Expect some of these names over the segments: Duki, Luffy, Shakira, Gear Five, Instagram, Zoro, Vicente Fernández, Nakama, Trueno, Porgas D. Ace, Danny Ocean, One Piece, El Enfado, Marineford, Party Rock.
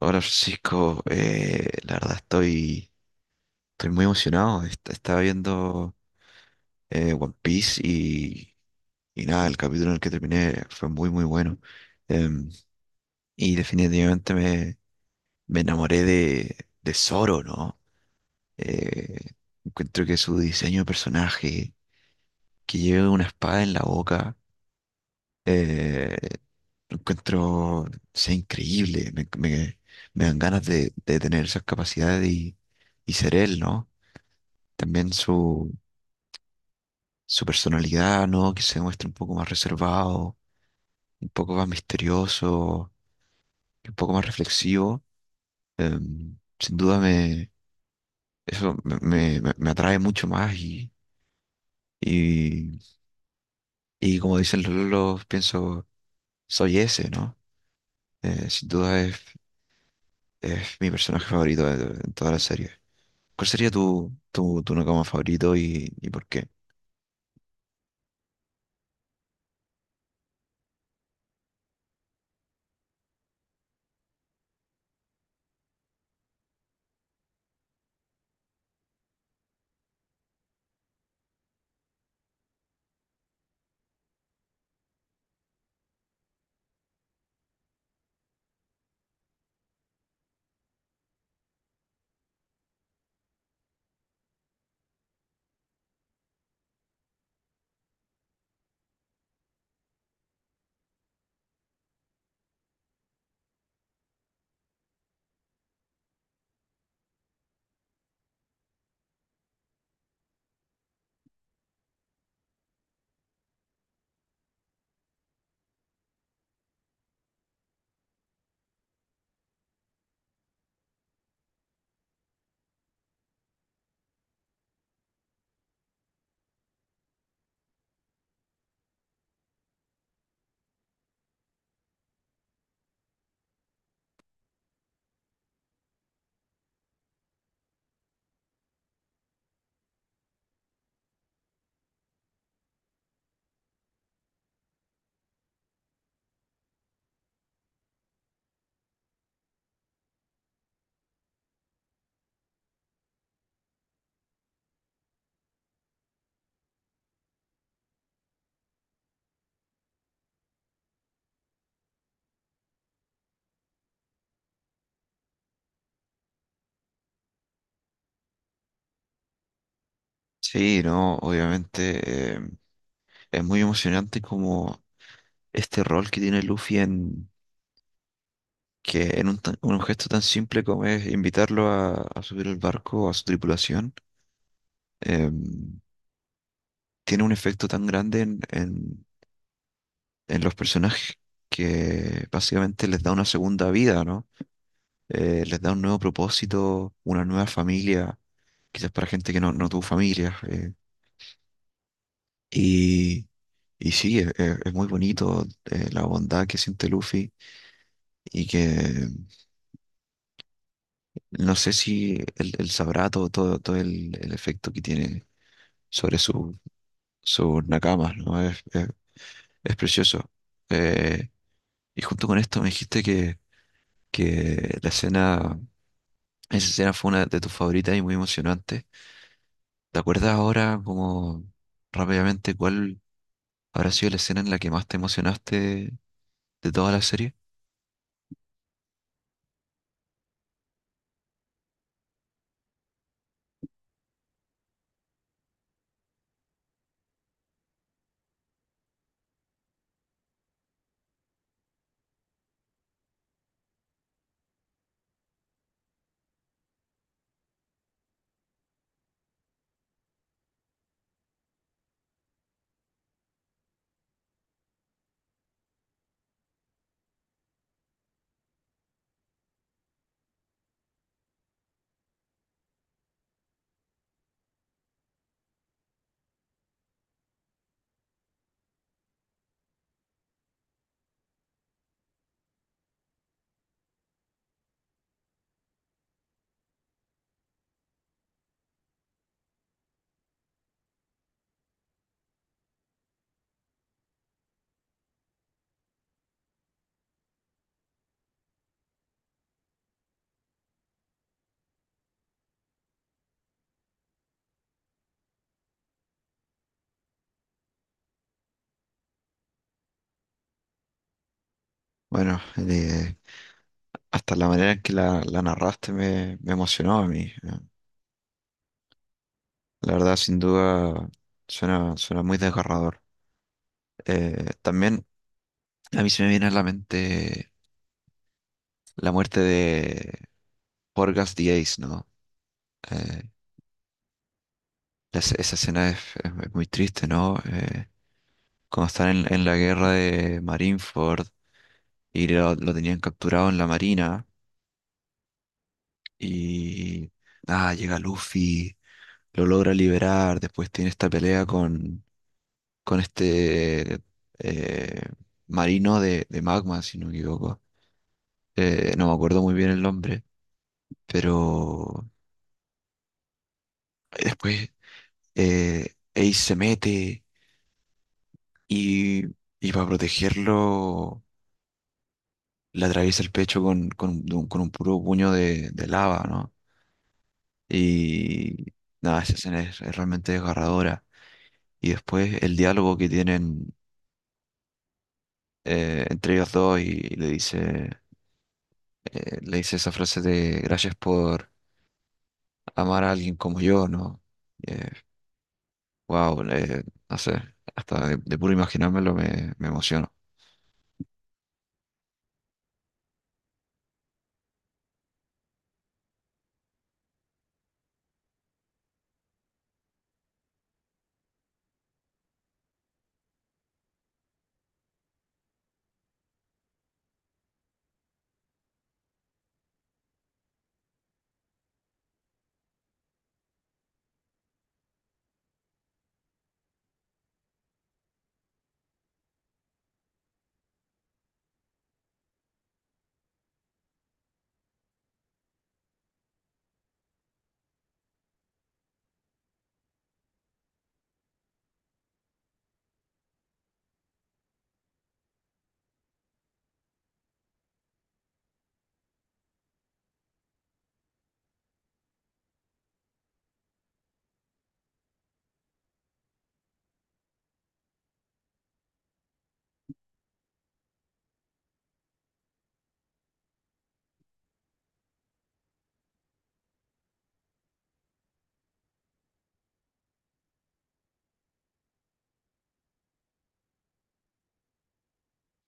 Hola Francisco, la verdad estoy muy emocionado. Estaba viendo One Piece y nada, el capítulo en el que terminé fue muy muy bueno. Em, y definitivamente me enamoré de Zoro, ¿no? Eh, encuentro que su diseño de personaje, que lleve una espada en la boca, eh, lo encuentro, sea increíble. Me dan ganas de tener esas capacidades y ser él, ¿no? También su personalidad, ¿no? Que se muestre un poco más reservado, un poco más misterioso, un poco más reflexivo. Sin duda eso me atrae mucho más y, y como dicen los lolos, pienso, soy ese, ¿no? Sin duda es mi personaje favorito de toda la serie. ¿Cuál sería tu Nakama favorito y por qué? Sí, no, obviamente es muy emocionante como este rol que tiene Luffy en que en un gesto tan simple como es invitarlo a subir al barco, a su tripulación, em, tiene un efecto tan grande en los personajes que básicamente les da una segunda vida, ¿no? Les da un nuevo propósito, una nueva familia, quizás para gente que no, no tuvo familia. Y, y sí, es muy bonito. La bondad que siente Luffy y que no sé si él, él sabrá todo, todo, todo el efecto que tiene sobre su, sus nakamas, ¿no? Es precioso. Eh, y junto con esto me dijiste que la escena, esa escena fue una de tus favoritas y muy emocionante. ¿Te acuerdas ahora, como rápidamente, cuál habrá sido la escena en la que más te emocionaste de toda la serie? Bueno, hasta la manera en que la narraste me emocionó a mí. La verdad, sin duda, suena, suena muy desgarrador. También a mí se me viene a la mente la muerte de Porgas the Ace, ¿no? Eh, esa escena es muy triste, ¿no? Cuando están en la guerra de Marineford y lo tenían capturado en la marina y llega Luffy, lo logra liberar, después tiene esta pelea con este eh, marino de magma, si no me equivoco. No me acuerdo muy bien el nombre, pero después Ace se mete y, y para protegerlo le atraviesa el pecho con un puro puño de lava, ¿no? Y nada, esa escena es realmente desgarradora. Y después el diálogo que tienen entre ellos dos y le dice esa frase de gracias por amar a alguien como yo, ¿no? Eh, wow, no sé, hasta de puro imaginármelo me emociono.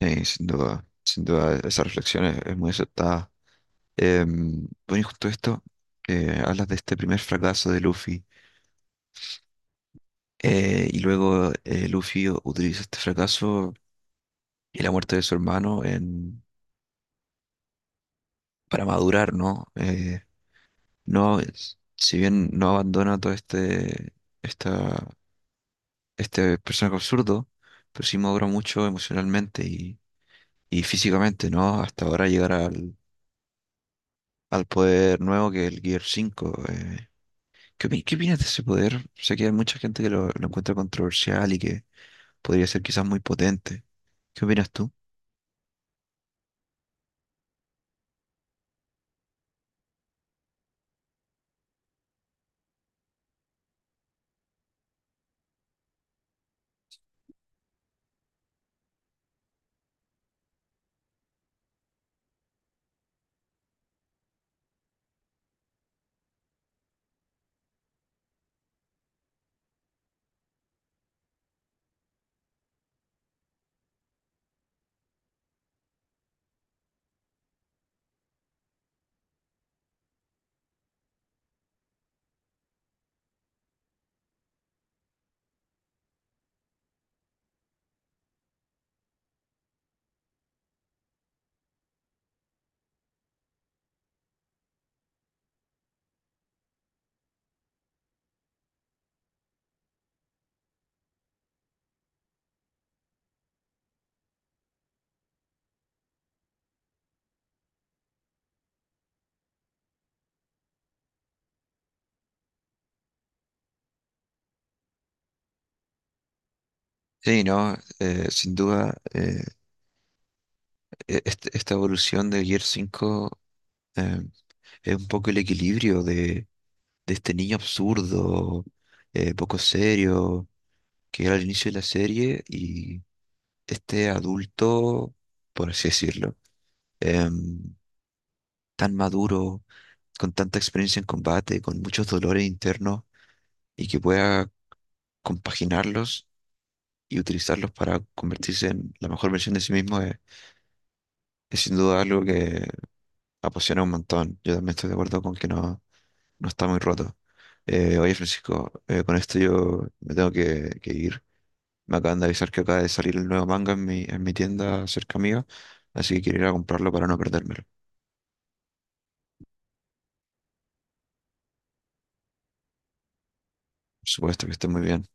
Sí, sin duda, sin duda, esa reflexión es muy aceptada. Bueno, y justo esto, que hablas de este primer fracaso de Luffy, y luego Luffy utiliza este fracaso y la muerte de su hermano en, para madurar, ¿no? Si bien no abandona todo este, esta este personaje absurdo, pero sí madura mucho emocionalmente y físicamente, ¿no? Hasta ahora llegar al, al poder nuevo que es el Gear 5 ¿Qué, qué opinas de ese poder? Sé que hay mucha gente que lo encuentra controversial y que podría ser quizás muy potente. ¿Qué opinas tú? Sí, no, sin duda, esta evolución del Gear 5 eh, es un poco el equilibrio de este niño absurdo, poco serio que era el inicio de la serie y este adulto, por así decirlo, em, tan maduro, con tanta experiencia en combate, con muchos dolores internos y que pueda compaginarlos y utilizarlos para convertirse en la mejor versión de sí mismo es sin duda algo que apasiona un montón. Yo también estoy de acuerdo con que no, no está muy roto. Oye, Francisco, con esto yo me tengo que ir. Me acaban de avisar que acaba de salir el nuevo manga en mi tienda cerca mía, así que quiero ir a comprarlo para no perdérmelo. Por supuesto que esté muy bien.